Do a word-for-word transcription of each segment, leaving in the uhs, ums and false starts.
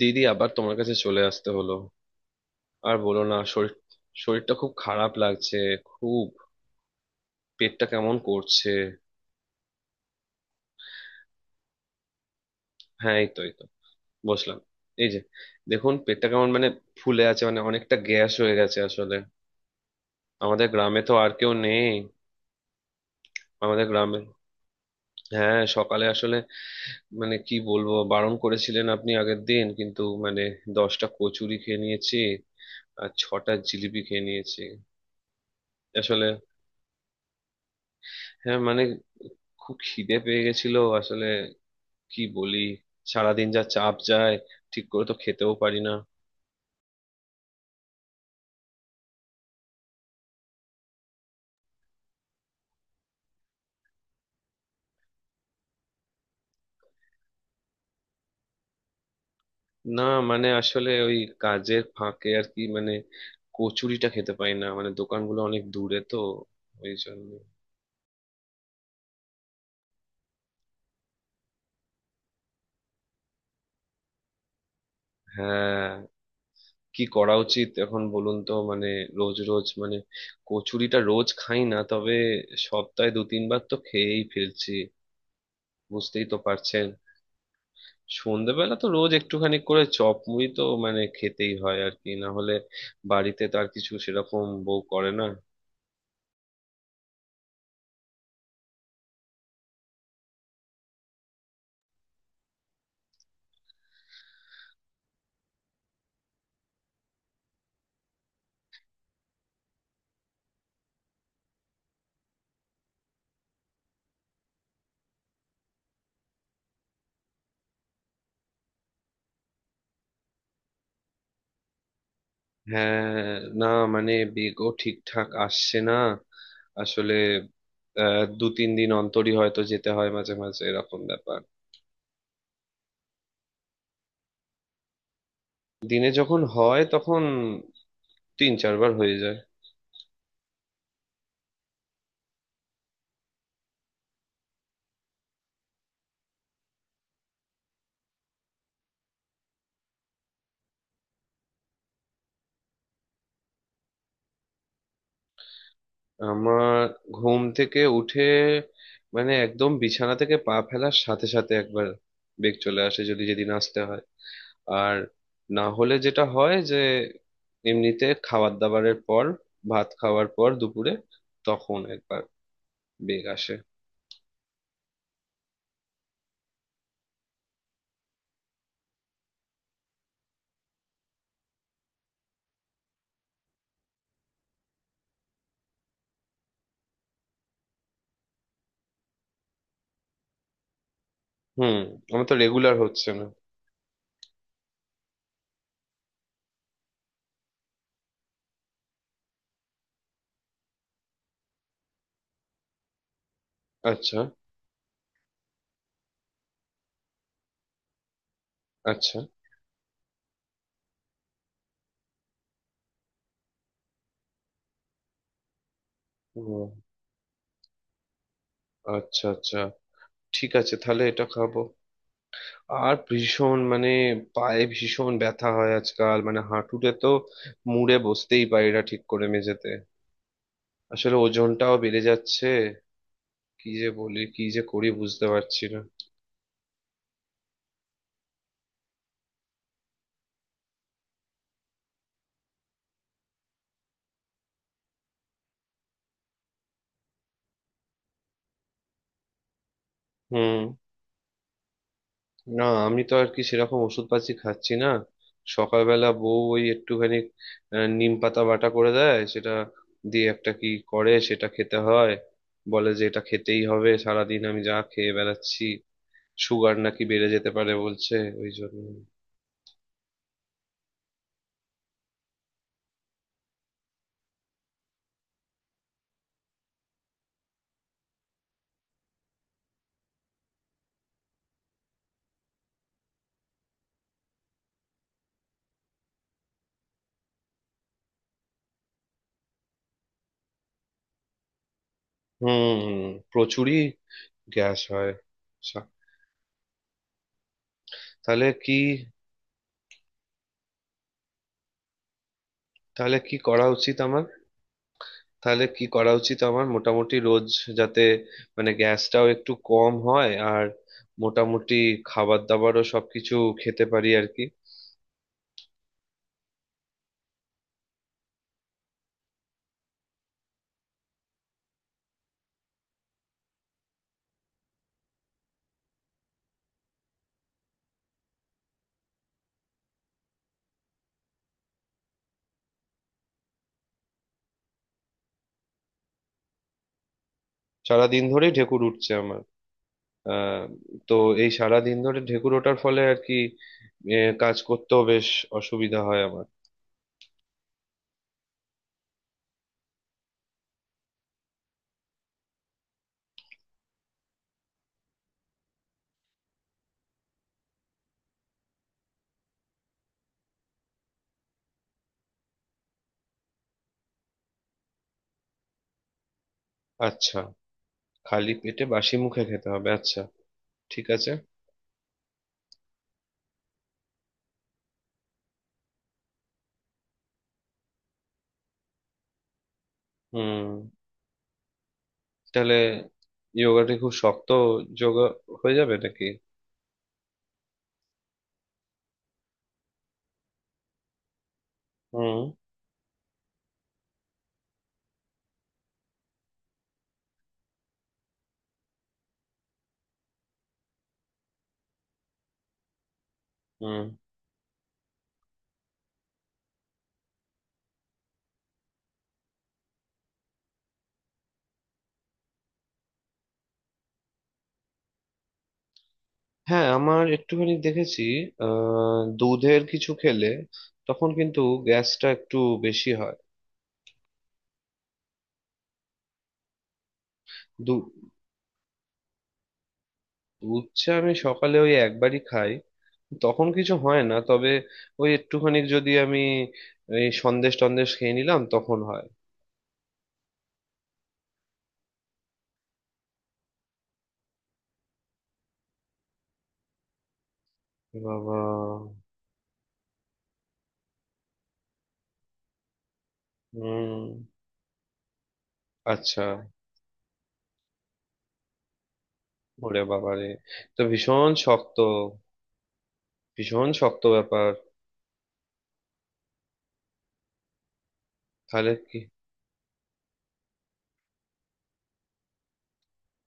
দিদি, আবার তোমার কাছে চলে আসতে হলো। আর বলো না, শরীর। শরীরটা খুব খারাপ লাগছে। খুব। পেটটা কেমন করছে। হ্যাঁ, এই তো এই তো, বসলাম। এই যে, দেখুন পেটটা কেমন, মানে ফুলে আছে, মানে অনেকটা গ্যাস হয়ে গেছে আসলে। আমাদের গ্রামে তো আর কেউ নেই। আমাদের গ্রামে। হ্যাঁ, সকালে আসলে মানে কি বলবো, বারণ করেছিলেন আপনি আগের দিন, কিন্তু মানে দশটা কচুরি খেয়ে নিয়েছি, আর ছটা জিলিপি খেয়ে নিয়েছি। আসলে, হ্যাঁ মানে, খুব খিদে পেয়ে গেছিল আসলে, কি বলি। সারাদিন যা চাপ যায়, ঠিক করে তো খেতেও পারি না। না, মানে আসলে ওই কাজের ফাঁকে আর কি, মানে কচুরিটা খেতে পারি না, মানে দোকানগুলো অনেক দূরে তো, ওই জন্য। হ্যাঁ, কি করা উচিত এখন বলুন তো, মানে রোজ রোজ মানে কচুরিটা রোজ খাই না, তবে সপ্তাহে দু তিনবার তো খেয়েই ফেলছি, বুঝতেই তো পারছেন। সন্ধ্যেবেলা তো রোজ একটুখানি করে চপ মুড়ি তো মানে খেতেই হয় আর কি, না হলে বাড়িতে তো আর কিছু সেরকম বউ করে না। হ্যাঁ না, মানে বেগও ঠিকঠাক আসছে না আসলে। আহ, দু তিন দিন অন্তরই হয়তো যেতে হয়, মাঝে মাঝে এরকম ব্যাপার। দিনে যখন হয় তখন তিন চারবার হয়ে যায়। আমার ঘুম থেকে উঠে মানে একদম বিছানা থেকে পা ফেলার সাথে সাথে একবার বেগ চলে আসে, যদি যেদিন আসতে হয়। আর না হলে যেটা হয় যে এমনিতে খাবার দাবারের পর, ভাত খাওয়ার পর দুপুরে, তখন একবার বেগ আসে। হুম। আমার তো রেগুলার হচ্ছে না। আচ্ছা। আচ্ছা। ও। আচ্ছা আচ্ছা, ঠিক আছে, তাহলে এটা খাবো। আর ভীষণ, মানে পায়ে ভীষণ ব্যথা হয় আজকাল, মানে হাঁটুতে তো মুড়ে বসতেই পারি না ঠিক করে মেঝেতে। আসলে ওজনটাও বেড়ে যাচ্ছে। কি যে বলি, কি যে করি, বুঝতে পারছি না। হুম। না, আমি তো আর কি সেরকম ওষুধ পাতি খাচ্ছি না। সকালবেলা বউ ওই একটুখানি আহ, নিম পাতা বাটা করে দেয়, সেটা দিয়ে একটা কি করে, সেটা খেতে হয়। বলে যে এটা খেতেই হবে, সারাদিন আমি যা খেয়ে বেড়াচ্ছি সুগার নাকি বেড়ে যেতে পারে বলছে, ওই জন্য। হুম। প্রচুরই গ্যাস হয়। সা- তাহলে কি, তাহলে কি করা উচিত আমার। তাহলে কি করা উচিত আমার মোটামুটি রোজ, যাতে মানে গ্যাসটাও একটু কম হয়, আর মোটামুটি খাবার দাবারও সবকিছু খেতে পারি আর কি। সারাদিন ধরেই ঢেকুর উঠছে আমার। আহ তো এই সারাদিন ধরে ঢেকুর ওঠার ফলে আর কি, এ, কাজ করতেও বেশ অসুবিধা হয় আমার। আচ্ছা। খালি পেটে বাসি মুখে খেতে হবে, আচ্ছা, ঠিক আছে। হুম। তাহলে যোগাটি খুব শক্ত যোগা হয়ে যাবে নাকি? হুম। হুম। হ্যাঁ, আমার একটুখানি দেখেছি। আহ দুধের কিছু খেলে তখন কিন্তু গ্যাসটা একটু বেশি হয়। দু- দুধ চা আমি সকালে ওই একবারই খাই, তখন কিছু হয় না, তবে ওই একটুখানি যদি আমি এই সন্দেশ টন্দেশ খেয়ে নিলাম তখন হয়। বাবা। হুম। আচ্ছা। ওরে বাবা রে, তো ভীষণ শক্ত, ভীষণ শক্ত ব্যাপার। তাহলে কি।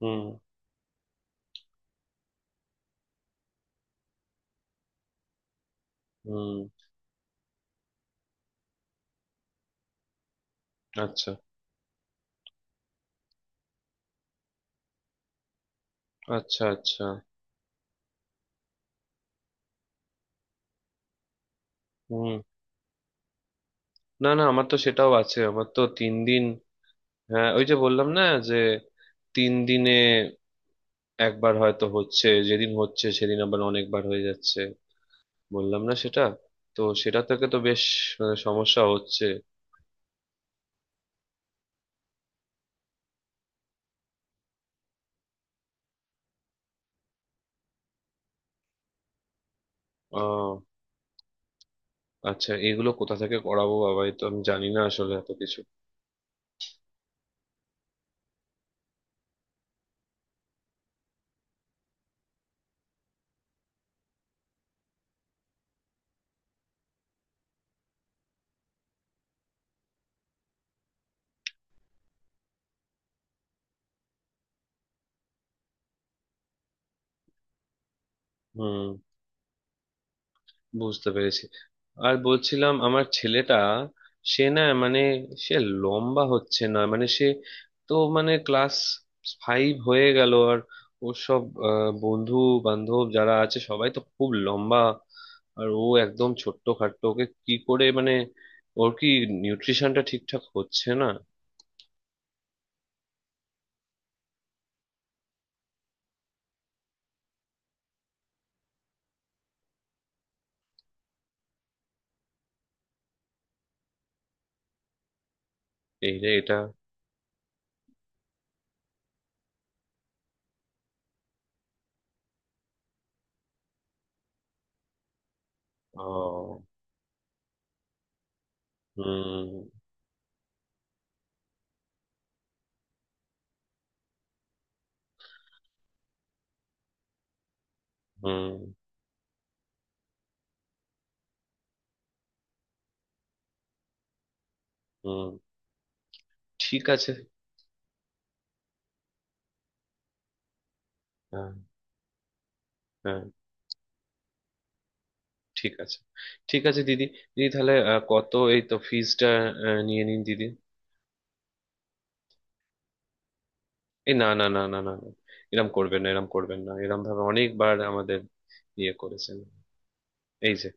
হুম। হুম। আচ্ছা আচ্ছা। আচ্ছা। হুম। না না, আমার তো সেটাও আছে, আমার তো তিন দিন। হ্যাঁ, ওই যে বললাম না, যে তিন দিনে একবার হয়তো হচ্ছে, যেদিন হচ্ছে সেদিন আবার অনেকবার হয়ে যাচ্ছে, বললাম না সেটা, তো সেটা থেকে তো বেশ, মানে সমস্যা হচ্ছে। আহ আচ্ছা এগুলো কোথা থেকে করাবো, বাবা, এ তো আমি জানি না আসলে এত কিছু। হুম। বুঝতে পেরেছি। আর বলছিলাম আমার ছেলেটা, সে না মানে, সে লম্বা হচ্ছে না, মানে সে তো মানে ক্লাস ফাইভ হয়ে গেল আর ওর সব আহ, বন্ধু বান্ধব যারা আছে সবাই তো খুব লম্বা, আর ও একদম ছোট্ট খাট্ট, ওকে কি করে, মানে ওর কি নিউট্রিশনটা ঠিকঠাক হচ্ছে না। এই রে এটা। ও। হুম। হুম। হুম। ঠিক আছে। হ্যাঁ, হ্যাঁ, ঠিক আছে, ঠিক আছে দিদি। দিদি তাহলে, আহ, কত, এই তো ফিজটা নিয়ে নিন দিদি। এই, না না না না না না, এরম করবেন না, এরম করবেন না, এরম ভাবে অনেকবার আমাদের ইয়ে করেছেন, এই যে